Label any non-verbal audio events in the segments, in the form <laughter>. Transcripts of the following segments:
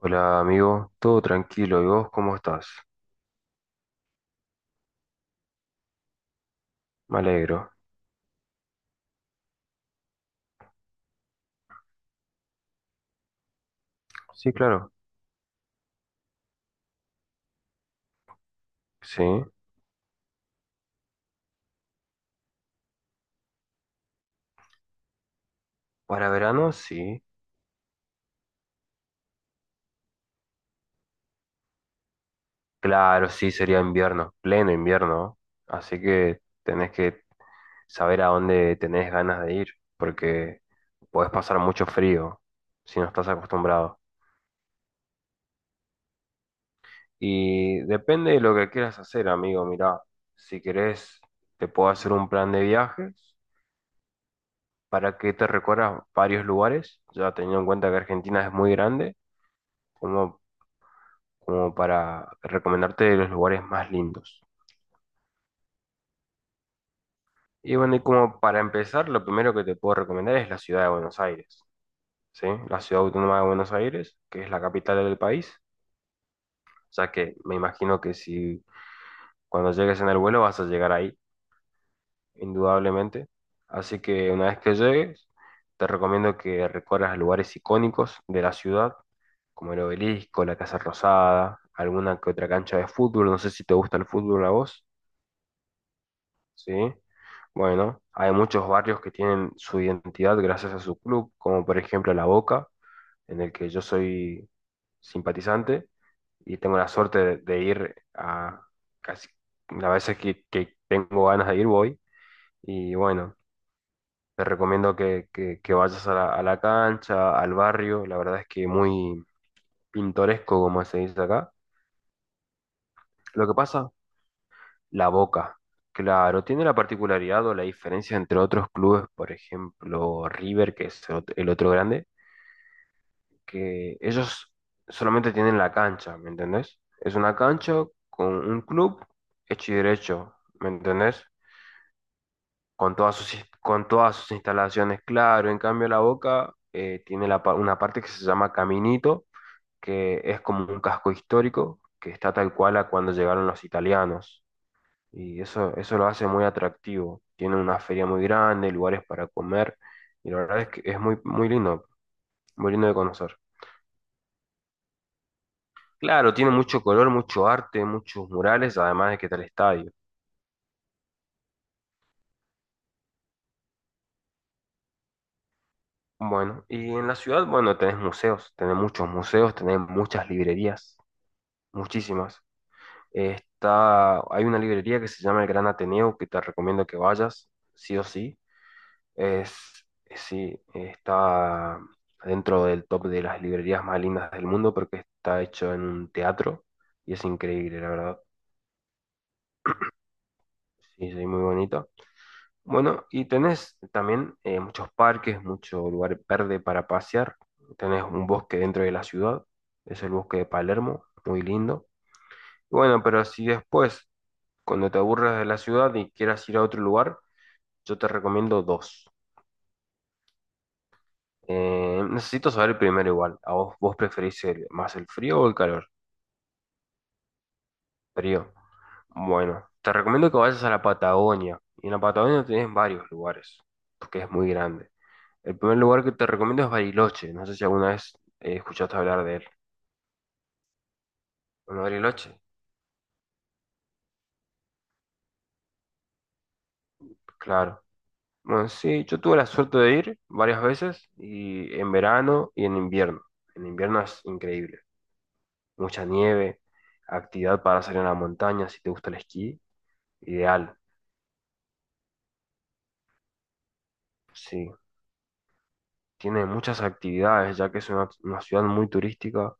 Hola amigo, todo tranquilo, ¿y vos cómo estás? Me alegro. Sí, claro, sí. Para verano, sí. Claro, sí, sería invierno, pleno invierno. Así que tenés que saber a dónde tenés ganas de ir, porque podés pasar mucho frío si no estás acostumbrado. Y depende de lo que quieras hacer, amigo. Mirá, si querés, te puedo hacer un plan de viajes para que te recorras varios lugares, ya teniendo en cuenta que Argentina es muy grande. Como como para recomendarte los lugares más lindos. Y bueno, y como para empezar, lo primero que te puedo recomendar es la ciudad de Buenos Aires, ¿sí? La ciudad autónoma de Buenos Aires, que es la capital del país. O sea que me imagino que si cuando llegues en el vuelo vas a llegar ahí, indudablemente. Así que una vez que llegues, te recomiendo que recorras lugares icónicos de la ciudad, como el Obelisco, la Casa Rosada, alguna que otra cancha de fútbol. No sé si te gusta el fútbol a vos. Sí, bueno, hay muchos barrios que tienen su identidad gracias a su club, como por ejemplo La Boca, en el que yo soy simpatizante y tengo la suerte de ir a casi las veces que tengo ganas de ir voy. Y bueno, te recomiendo que vayas a la cancha, al barrio, la verdad es que muy pintoresco, como se dice acá. Lo que pasa La Boca, claro, tiene la particularidad o la diferencia entre otros clubes, por ejemplo, River, que es el otro grande, que ellos solamente tienen la cancha, ¿me entendés? Es una cancha con un club hecho y derecho, ¿me entendés? Con todas sus instalaciones, claro. En cambio, La Boca tiene una parte que se llama Caminito, que es como un casco histórico, que está tal cual a cuando llegaron los italianos. Y eso lo hace muy atractivo. Tiene una feria muy grande, lugares para comer, y la verdad es que es muy, muy lindo de conocer. Claro, tiene mucho color, mucho arte, muchos murales, además de que está el estadio. Bueno, y en la ciudad, bueno, tenés museos, tenés muchos museos, tenés muchas librerías, muchísimas. Hay una librería que se llama el Gran Ateneo, que te recomiendo que vayas, sí o sí. Es, sí, está dentro del top de las librerías más lindas del mundo porque está hecho en un teatro y es increíble, la verdad. Sí, sí, muy bonito. Bueno, y tenés también muchos parques, mucho lugar verde para pasear. Tenés un bosque dentro de la ciudad, es el bosque de Palermo, muy lindo. Y bueno, pero si después, cuando te aburres de la ciudad y quieras ir a otro lugar, yo te recomiendo dos. Necesito saber primero igual, ¿a vos preferís más el frío o el calor? Frío. Bueno, te recomiendo que vayas a la Patagonia. Y en la Patagonia tenés varios lugares, porque es muy grande. El primer lugar que te recomiendo es Bariloche. No sé si alguna vez escuchaste hablar de él. Bueno, Bariloche, claro. Bueno, sí, yo tuve la suerte de ir varias veces, y en verano y en invierno. En invierno es increíble. Mucha nieve, actividad para salir a la montaña, si te gusta el esquí, ideal. Sí. Tiene muchas actividades, ya que es una ciudad muy turística.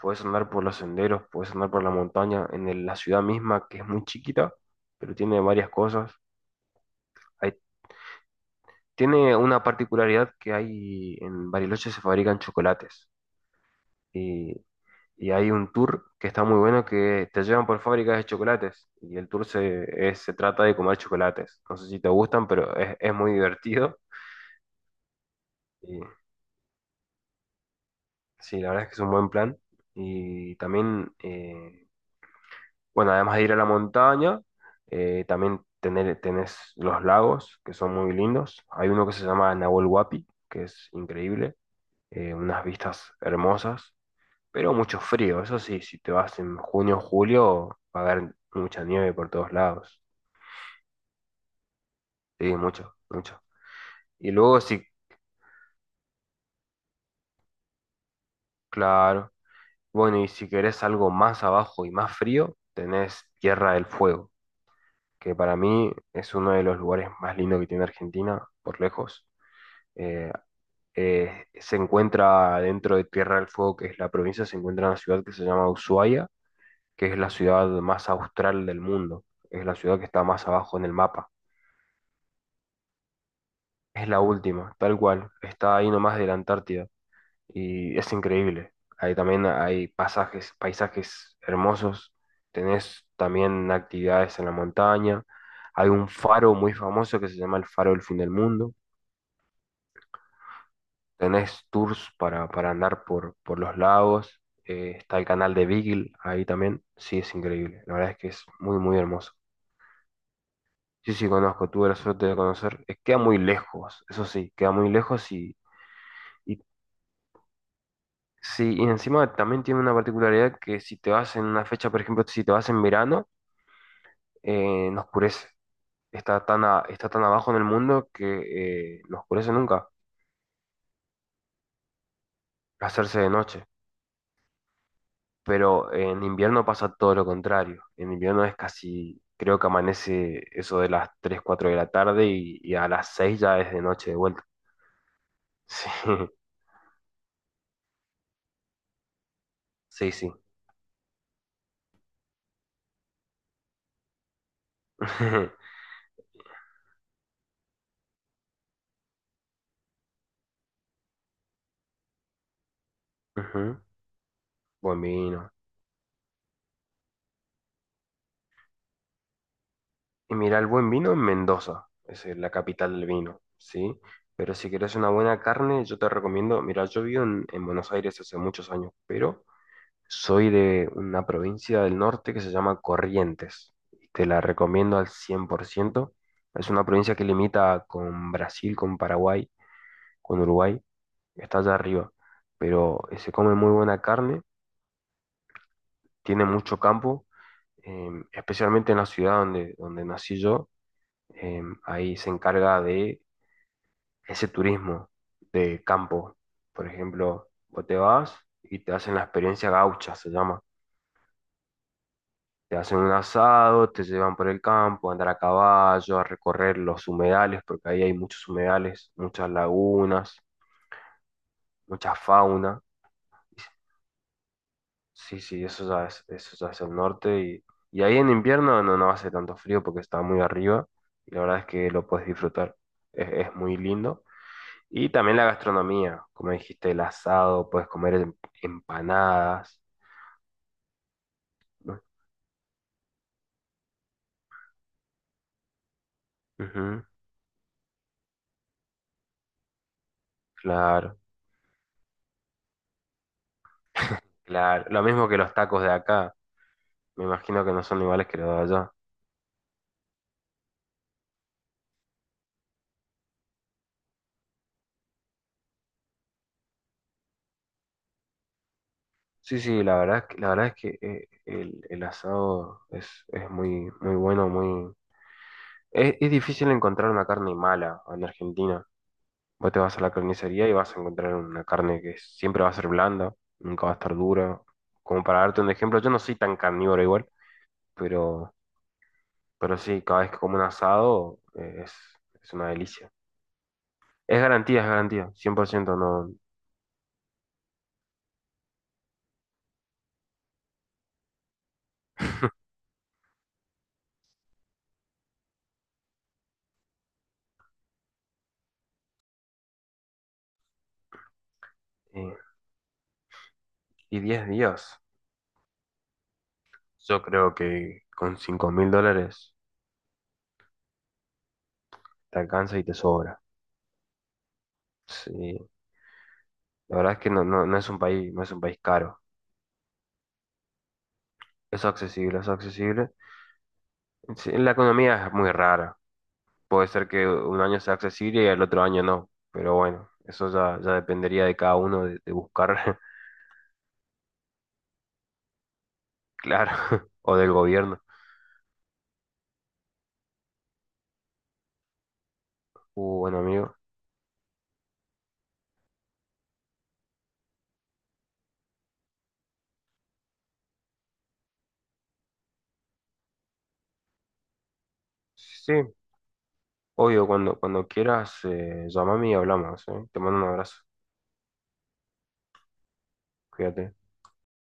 Puedes andar por los senderos, puedes andar por la montaña, en la ciudad misma, que es muy chiquita, pero tiene varias cosas. Hay- tiene una particularidad que hay en Bariloche se fabrican chocolates. Y, y hay un tour que está muy bueno que te llevan por fábricas de chocolates. Y el tour se trata de comer chocolates. No sé si te gustan, pero es muy divertido. Y, sí, la verdad es que es un buen plan. Y también... eh, Bueno, además de ir a la montaña, también tenés los lagos, que son muy lindos. Hay uno que se llama Nahuel Huapi, que es increíble, unas vistas hermosas, pero mucho frío. Eso sí, si te vas en junio o julio, va a haber mucha nieve por todos lados. Sí, mucho, mucho. Y luego sí, claro. Bueno, y si querés algo más abajo y más frío, tenés Tierra del Fuego, que para mí es uno de los lugares más lindos que tiene Argentina, por lejos. Eh, Se encuentra dentro de Tierra del Fuego, que es la provincia, se encuentra una ciudad que se llama Ushuaia, que es la ciudad más austral del mundo. Es la ciudad que está más abajo en el mapa. Es la última, tal cual. Está ahí nomás de la Antártida. Y es increíble. Ahí también hay pasajes, paisajes hermosos. Tenés también actividades en la montaña. Hay un faro muy famoso que se llama el Faro del Fin del Mundo. Tenés tours para, andar por los lagos. Está el canal de Beagle ahí también. Sí, es increíble. La verdad es que es muy, muy hermoso. Sí, sí, conozco. Tuve la suerte de conocer. Queda muy lejos, eso sí, queda muy lejos y sí, y encima también tiene una particularidad que si te vas en una fecha, por ejemplo, si te vas en verano, no oscurece. Está tan abajo en el mundo que no oscurece nunca. Hacerse de noche. Pero en invierno pasa todo lo contrario. En invierno es casi, creo que amanece eso de las 3 4 de la tarde y a las 6 ya es de noche de vuelta. Sí, <laughs> sí, sí. <laughs> Ujú. Buen vino. Y mira, el buen vino en Mendoza, es la capital del vino, ¿sí? Pero si querés una buena carne, yo te recomiendo, mira, yo vivo en Buenos Aires hace muchos años, pero soy de una provincia del norte que se llama Corrientes. Y te la recomiendo al 100%. Es una provincia que limita con Brasil, con Paraguay, con Uruguay. Está allá arriba. Pero se come muy buena carne, tiene mucho campo, especialmente en la ciudad donde nací yo. Ahí se encarga de ese turismo de campo. Por ejemplo, vos te vas y te hacen la experiencia gaucha, se llama. Te hacen un asado, te llevan por el campo, a andar a caballo, a recorrer los humedales, porque ahí hay muchos humedales, muchas lagunas, mucha fauna. Sí, sí, eso ya es el norte. Y ahí en invierno no, no hace tanto frío porque está muy arriba y la verdad es que lo puedes disfrutar. Es muy lindo. Y también la gastronomía, como dijiste, el asado, puedes comer empanadas, ¿no? Ujú, claro, claro. Lo mismo que los tacos de acá. Me imagino que no son iguales que los de allá. Sí, sí, la verdad, la verdad es que el asado es muy, muy bueno, muy. Es difícil encontrar una carne mala en Argentina. Vos te vas a la carnicería y vas a encontrar una carne que siempre va a ser blanda, nunca va a estar dura. Como para darte un ejemplo, yo no soy tan carnívoro igual, pero, pero sí, cada vez que como un asado es una delicia. Es garantía, 100% no. eh, y 10 días, yo creo que con 5000 dólares te alcanza y te sobra. Sí, la verdad es que no, no, no es un país, no es un país caro. Es accesible, es accesible. Sí, la economía es muy rara. Puede ser que un año sea accesible y el otro año no. Pero bueno, eso ya, ya dependería de cada uno de buscar, <laughs> claro, <laughs> o del gobierno. Bueno, amigo. Sí, obvio, cuando quieras, llámame y hablamos, ¿eh? Te mando un abrazo. Cuídate.